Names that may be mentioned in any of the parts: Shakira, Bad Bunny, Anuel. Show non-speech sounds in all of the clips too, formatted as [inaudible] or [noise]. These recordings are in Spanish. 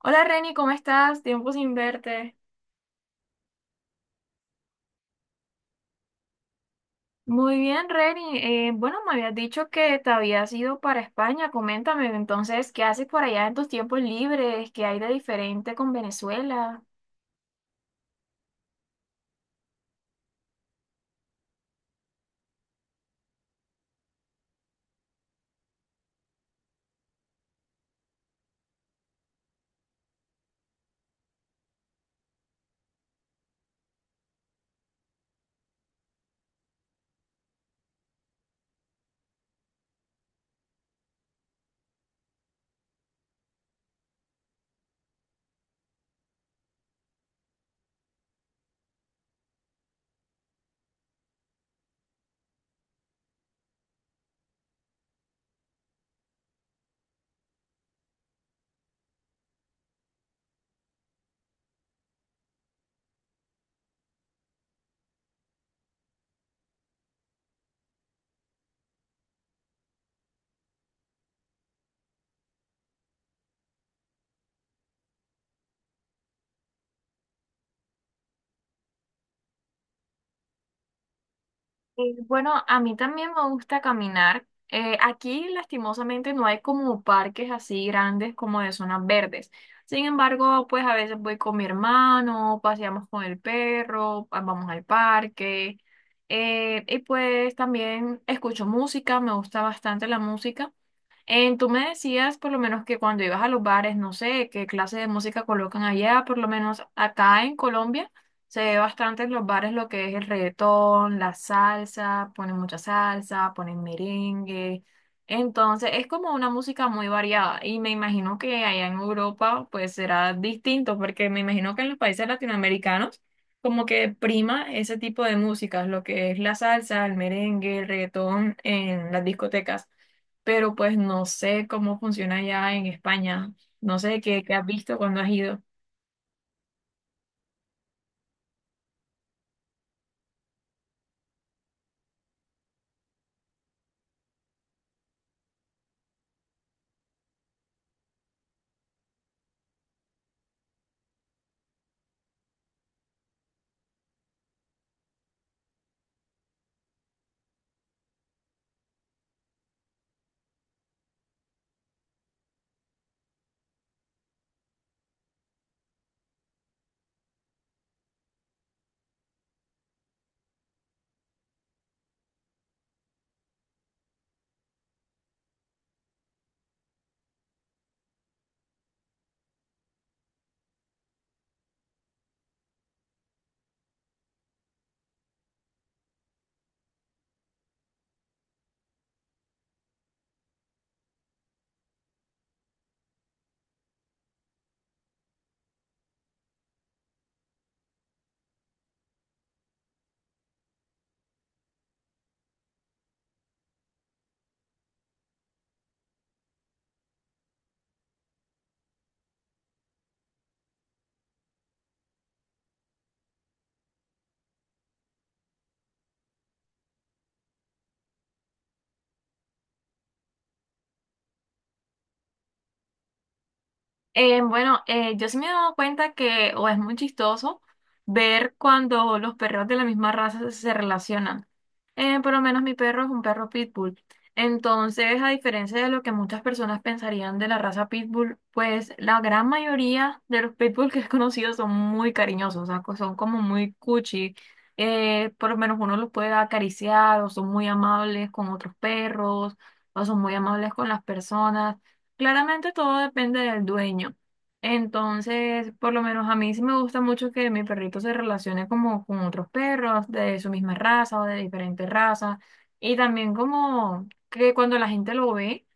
Hola Reni, ¿cómo estás? Tiempo sin verte. Muy bien, Reni. Bueno, me habías dicho que te habías ido para España. Coméntame entonces, ¿qué haces por allá en tus tiempos libres? ¿Qué hay de diferente con Venezuela? Bueno, a mí también me gusta caminar. Aquí, lastimosamente, no hay como parques así grandes como de zonas verdes. Sin embargo, pues a veces voy con mi hermano, paseamos con el perro, ah, vamos al parque. Y pues también escucho música, me gusta bastante la música. Tú me decías por lo menos que cuando ibas a los bares, no sé qué clase de música colocan allá. Por lo menos acá en Colombia se ve bastante en los bares lo que es el reggaetón, la salsa, ponen mucha salsa, ponen merengue. Entonces es como una música muy variada y me imagino que allá en Europa pues será distinto, porque me imagino que en los países latinoamericanos como que prima ese tipo de músicas, lo que es la salsa, el merengue, el reggaetón en las discotecas, pero pues no sé cómo funciona ya en España. No sé qué has visto cuando has ido. Bueno, yo sí me he dado cuenta que o es muy chistoso ver cuando los perros de la misma raza se relacionan. Por lo menos mi perro es un perro pitbull. Entonces, a diferencia de lo que muchas personas pensarían de la raza pitbull, pues la gran mayoría de los pitbull que he conocido son muy cariñosos, o sea, son como muy cuchi. Por lo menos uno los puede acariciar, o son muy amables con otros perros o son muy amables con las personas. Claramente todo depende del dueño. Entonces, por lo menos a mí sí me gusta mucho que mi perrito se relacione como con otros perros de su misma raza o de diferentes razas. Y también como que cuando la gente lo ve,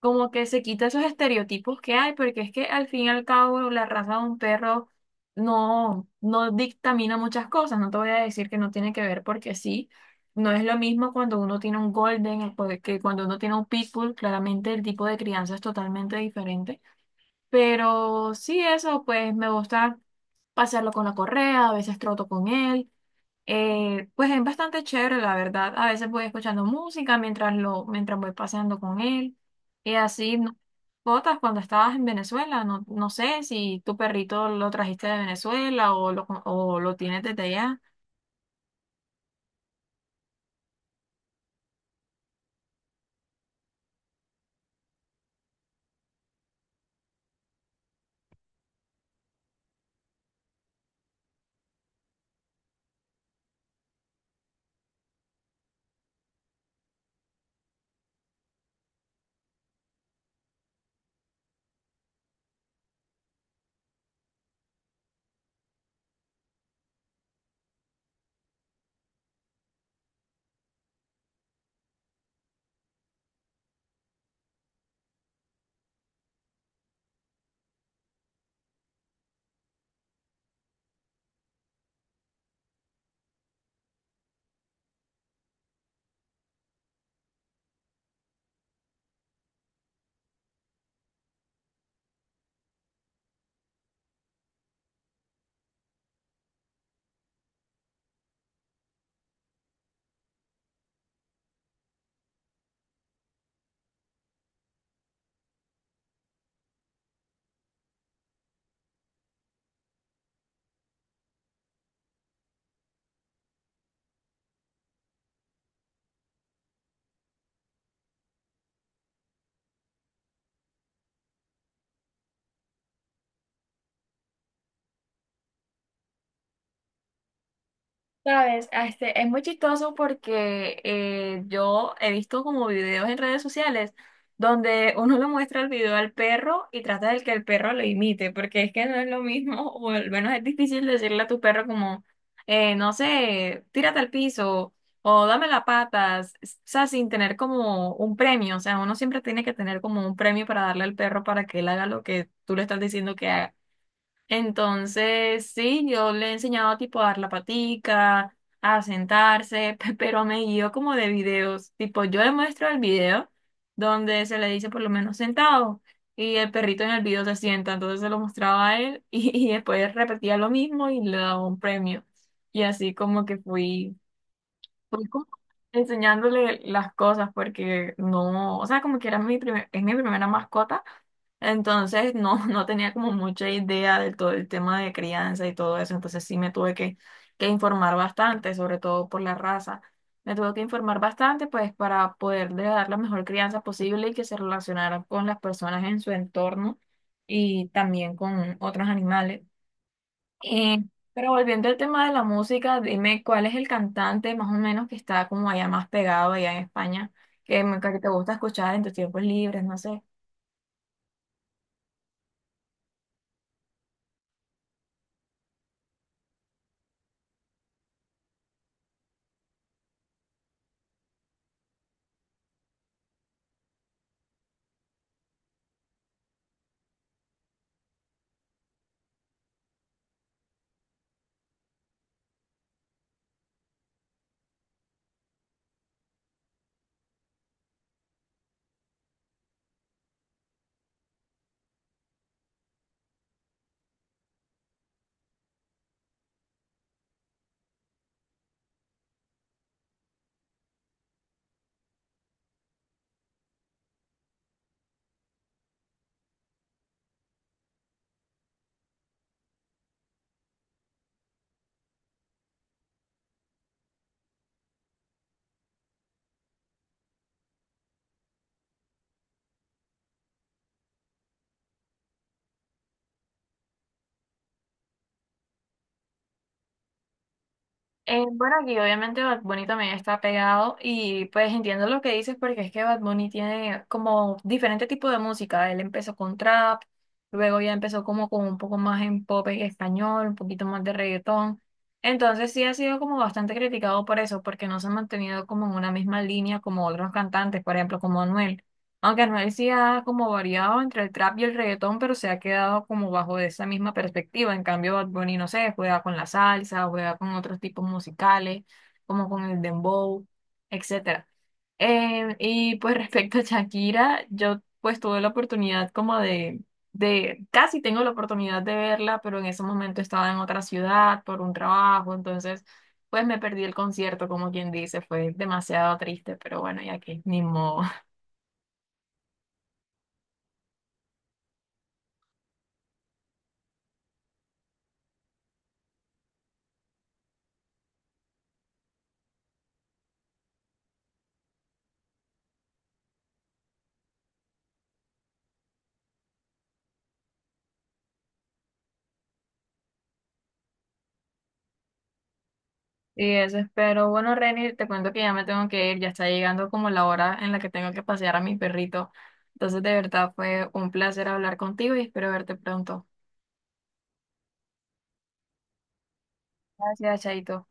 como que se quita esos estereotipos que hay, porque es que al fin y al cabo la raza de un perro no dictamina muchas cosas. No te voy a decir que no tiene que ver, porque sí. No es lo mismo cuando uno tiene un golden que cuando uno tiene un pitbull. Claramente el tipo de crianza es totalmente diferente. Pero sí, eso, pues me gusta pasearlo con la correa, a veces troto con él. Pues es bastante chévere, la verdad. A veces voy escuchando música mientras voy paseando con él. Y así, ¿no? Botas, cuando estabas en Venezuela, no sé si tu perrito lo trajiste de Venezuela o lo tienes desde allá. Sabes, ah, este, es muy chistoso porque yo he visto como videos en redes sociales donde uno le muestra el video al perro y trata de que el perro lo imite, porque es que no es lo mismo, o al menos es difícil decirle a tu perro como, no sé, tírate al piso o dame las patas. O sea, sin tener como un premio. O sea, uno siempre tiene que tener como un premio para darle al perro para que él haga lo que tú le estás diciendo que haga. Entonces, sí, yo le he enseñado tipo a dar la patica, a sentarse, [laughs] pero me guío como de videos. Tipo, yo le muestro el video donde se le dice por lo menos sentado y el perrito en el video se sienta. Entonces se lo mostraba a él, y, [laughs] y después repetía lo mismo y le daba un premio. Y así como que fui, fui como enseñándole las cosas porque no, o sea, como que era es mi primera mascota. Entonces no tenía como mucha idea de todo el tema de crianza y todo eso, entonces sí me tuve que informar bastante, sobre todo por la raza. Me tuve que informar bastante pues para poderle dar la mejor crianza posible y que se relacionaran con las personas en su entorno y también con otros animales. Eh, pero volviendo al tema de la música, dime cuál es el cantante más o menos que está como allá más pegado allá en España, que te gusta escuchar en tus tiempos libres, no sé. Bueno, aquí obviamente Bad Bunny también está pegado y pues entiendo lo que dices porque es que Bad Bunny tiene como diferente tipo de música. Él empezó con trap, luego ya empezó como con un poco más en pop en español, un poquito más de reggaetón. Entonces sí ha sido como bastante criticado por eso, porque no se ha mantenido como en una misma línea como otros cantantes, por ejemplo, como Anuel. Aunque Anuel sí ha como variado entre el trap y el reggaetón, pero se ha quedado como bajo esa misma perspectiva. En cambio, Bad Bunny, no sé, juega con la salsa, juega con otros tipos musicales, como con el dembow, etcétera. Y pues [laughs] respecto a Shakira, yo pues tuve la oportunidad casi tengo la oportunidad de verla, pero en ese momento estaba en otra ciudad por un trabajo, entonces pues me perdí el concierto, como quien dice, fue demasiado triste, pero bueno, ya que ni modo. Y eso espero. Bueno, Reni, te cuento que ya me tengo que ir, ya está llegando como la hora en la que tengo que pasear a mi perrito. Entonces, de verdad fue un placer hablar contigo y espero verte pronto. Gracias, chaito.